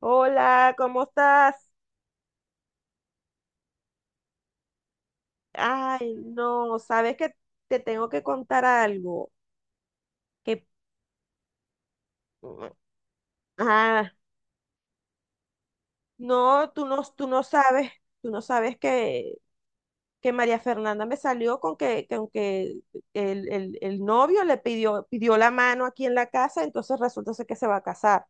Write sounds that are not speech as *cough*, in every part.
Hola, ¿cómo estás? Ay, no, sabes que te tengo que contar algo. Que, ah, no, tú no sabes que María Fernanda me salió con que aunque el novio le pidió, pidió la mano aquí en la casa, entonces resulta ser que se va a casar.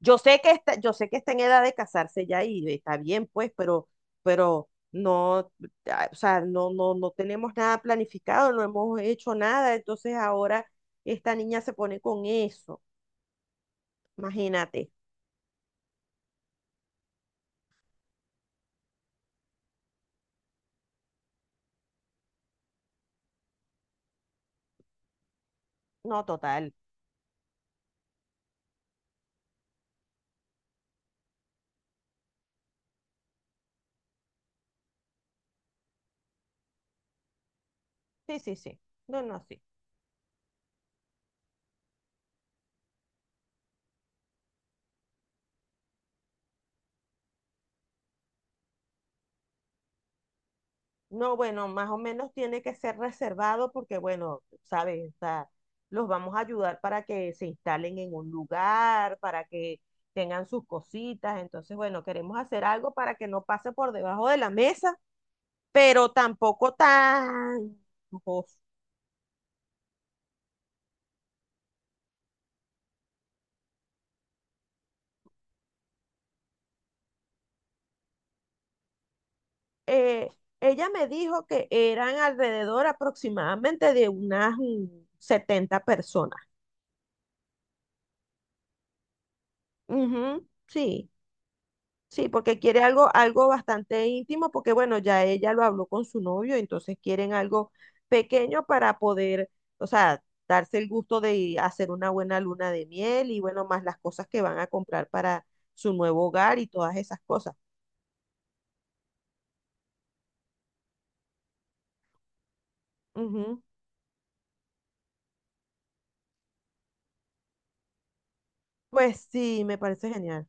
Yo sé que está en edad de casarse ya y está bien, pues, pero no, o sea, no tenemos nada planificado, no hemos hecho nada, entonces ahora esta niña se pone con eso, imagínate. No, total. Sí, sí, sí. No, no, sí. No, bueno, más o menos tiene que ser reservado porque, bueno, sabes, o sea, los vamos a ayudar para que se instalen en un lugar, para que tengan sus cositas. Entonces, bueno, queremos hacer algo para que no pase por debajo de la mesa, pero tampoco tan lujoso. Eh, ella me dijo que eran alrededor aproximadamente de unas 70 personas. Ujú, sí. Sí, porque quiere algo, algo bastante íntimo, porque bueno, ya ella lo habló con su novio, entonces quieren algo pequeño para poder, o sea, darse el gusto de hacer una buena luna de miel y bueno, más las cosas que van a comprar para su nuevo hogar y todas esas cosas. Ujú. Pues sí, me parece genial,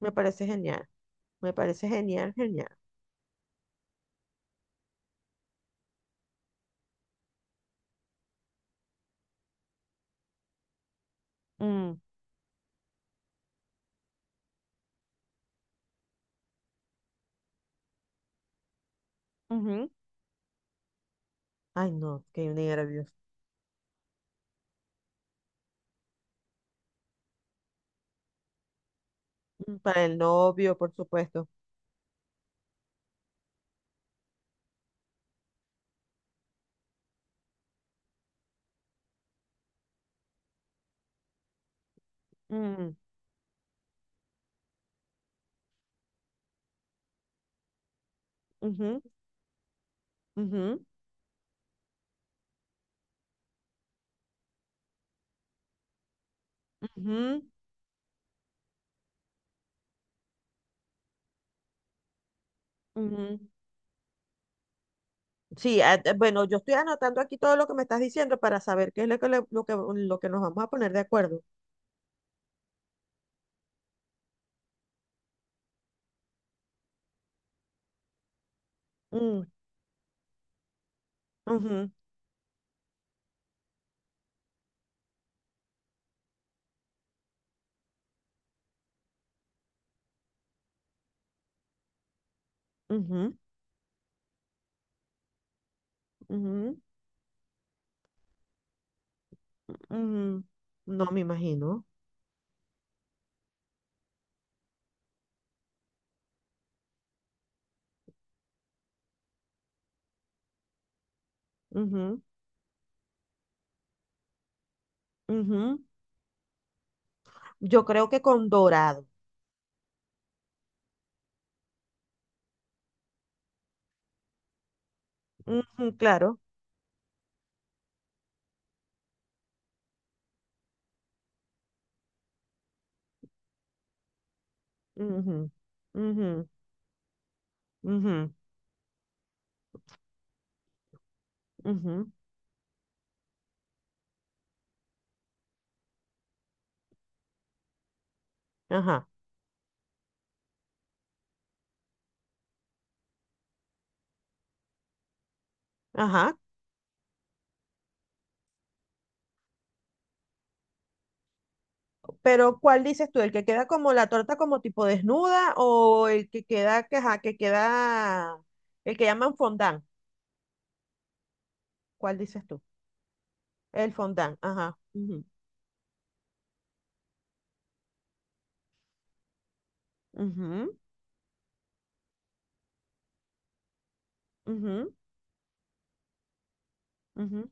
me parece genial, me parece genial, genial. Mm, ujú. Ay, no, qué nervios. Mm. Para el novio, por supuesto. Mm, ujú, ujú, ujú, ujú. Sí, bueno, yo estoy anotando aquí todo lo que me estás diciendo para saber qué es lo que nos vamos a poner de acuerdo. Mm, ujú, ujú, ujú, ujú. No me imagino. Ujú, ujú. Yo creo que con dorado. Ujú, claro. Ujú, ujú, ujú, ujú. Ajá, ajá. Pero ¿cuál dices tú? ¿El que queda como la torta como tipo desnuda o el que queda, que, ajá, que queda, el que llaman fondant? ¿Cuál dices tú? El fondant, ajá, ujú, ujú, ujú, ujú.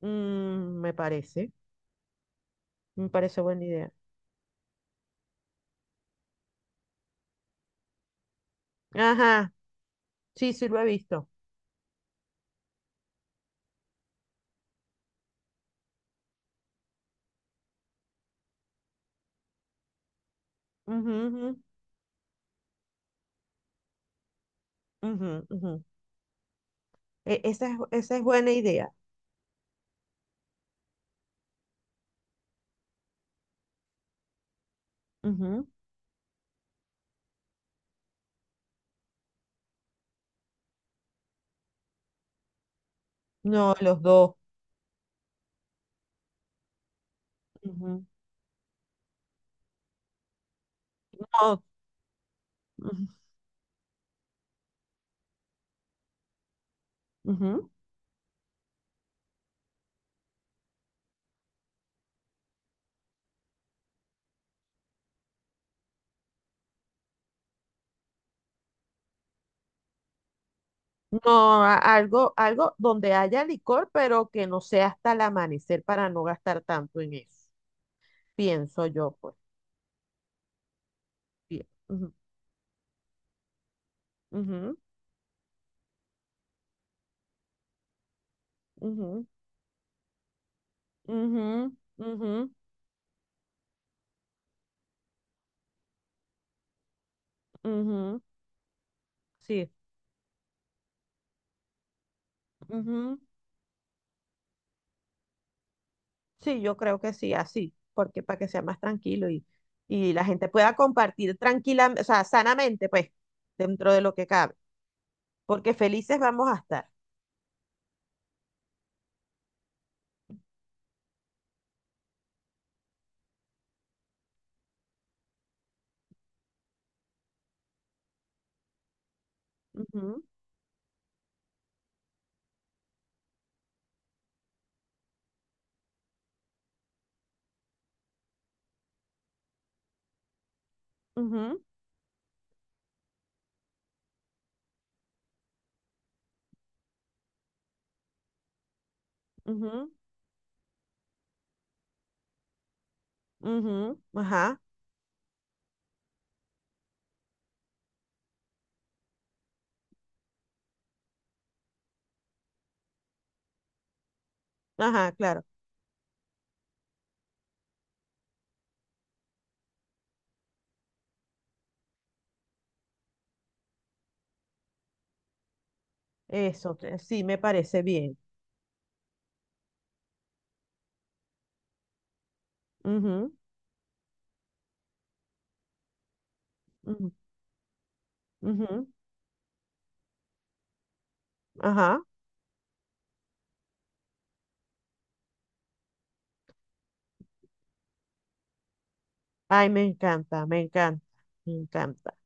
Mm, me parece buena idea. Ajá, sí, sí lo he visto. Ujú, ujú, ujú, ujú. Esa es buena idea. Ujú. No, los dos. Ujú. No, ujú, ujú. No, algo, algo donde haya licor, pero que no sea hasta el amanecer para no gastar tanto en eso. Pienso yo, pues. Bien. Ujú, ujú, ujú, ujú, ujú, ujú. Sí, ujú. Sí, yo creo que sí, así, porque para que sea más tranquilo y la gente pueda compartir tranquila, o sea, sanamente, pues, dentro de lo que cabe, porque felices vamos a estar. Ujú, ujú, ujú, ujú, ajá, ajá, claro, eso, que sí, me parece bien. Ujú, ujú, ujú, ajá, ay, me encanta, me encanta, me encanta,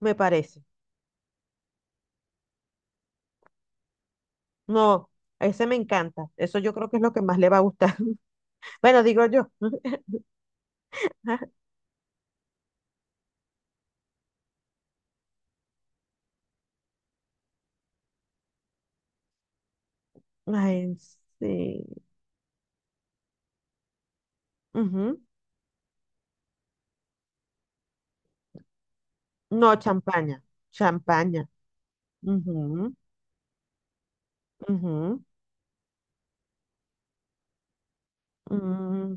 me parece. No, ese me encanta, eso yo creo que es lo que más le va a gustar. *laughs* Bueno, digo yo. *laughs* Ay, sí. Ujú. No, champaña. Champaña. Ujú, ujú, mm,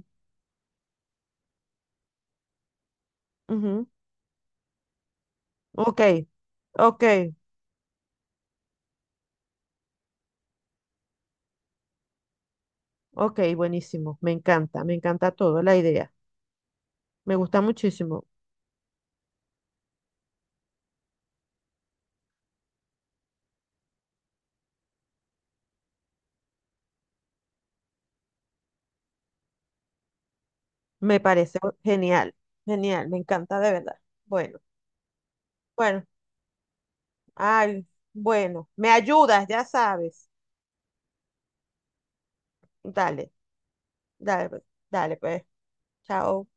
ujú. Ok, ok, ok, buenísimo. Me encanta todo, la idea. Me gusta muchísimo. Me parece genial, genial, me encanta de verdad. Bueno, bueno, ay, bueno, me ayudas, ya sabes. Dale, dale, pues, dale, pues. Chao.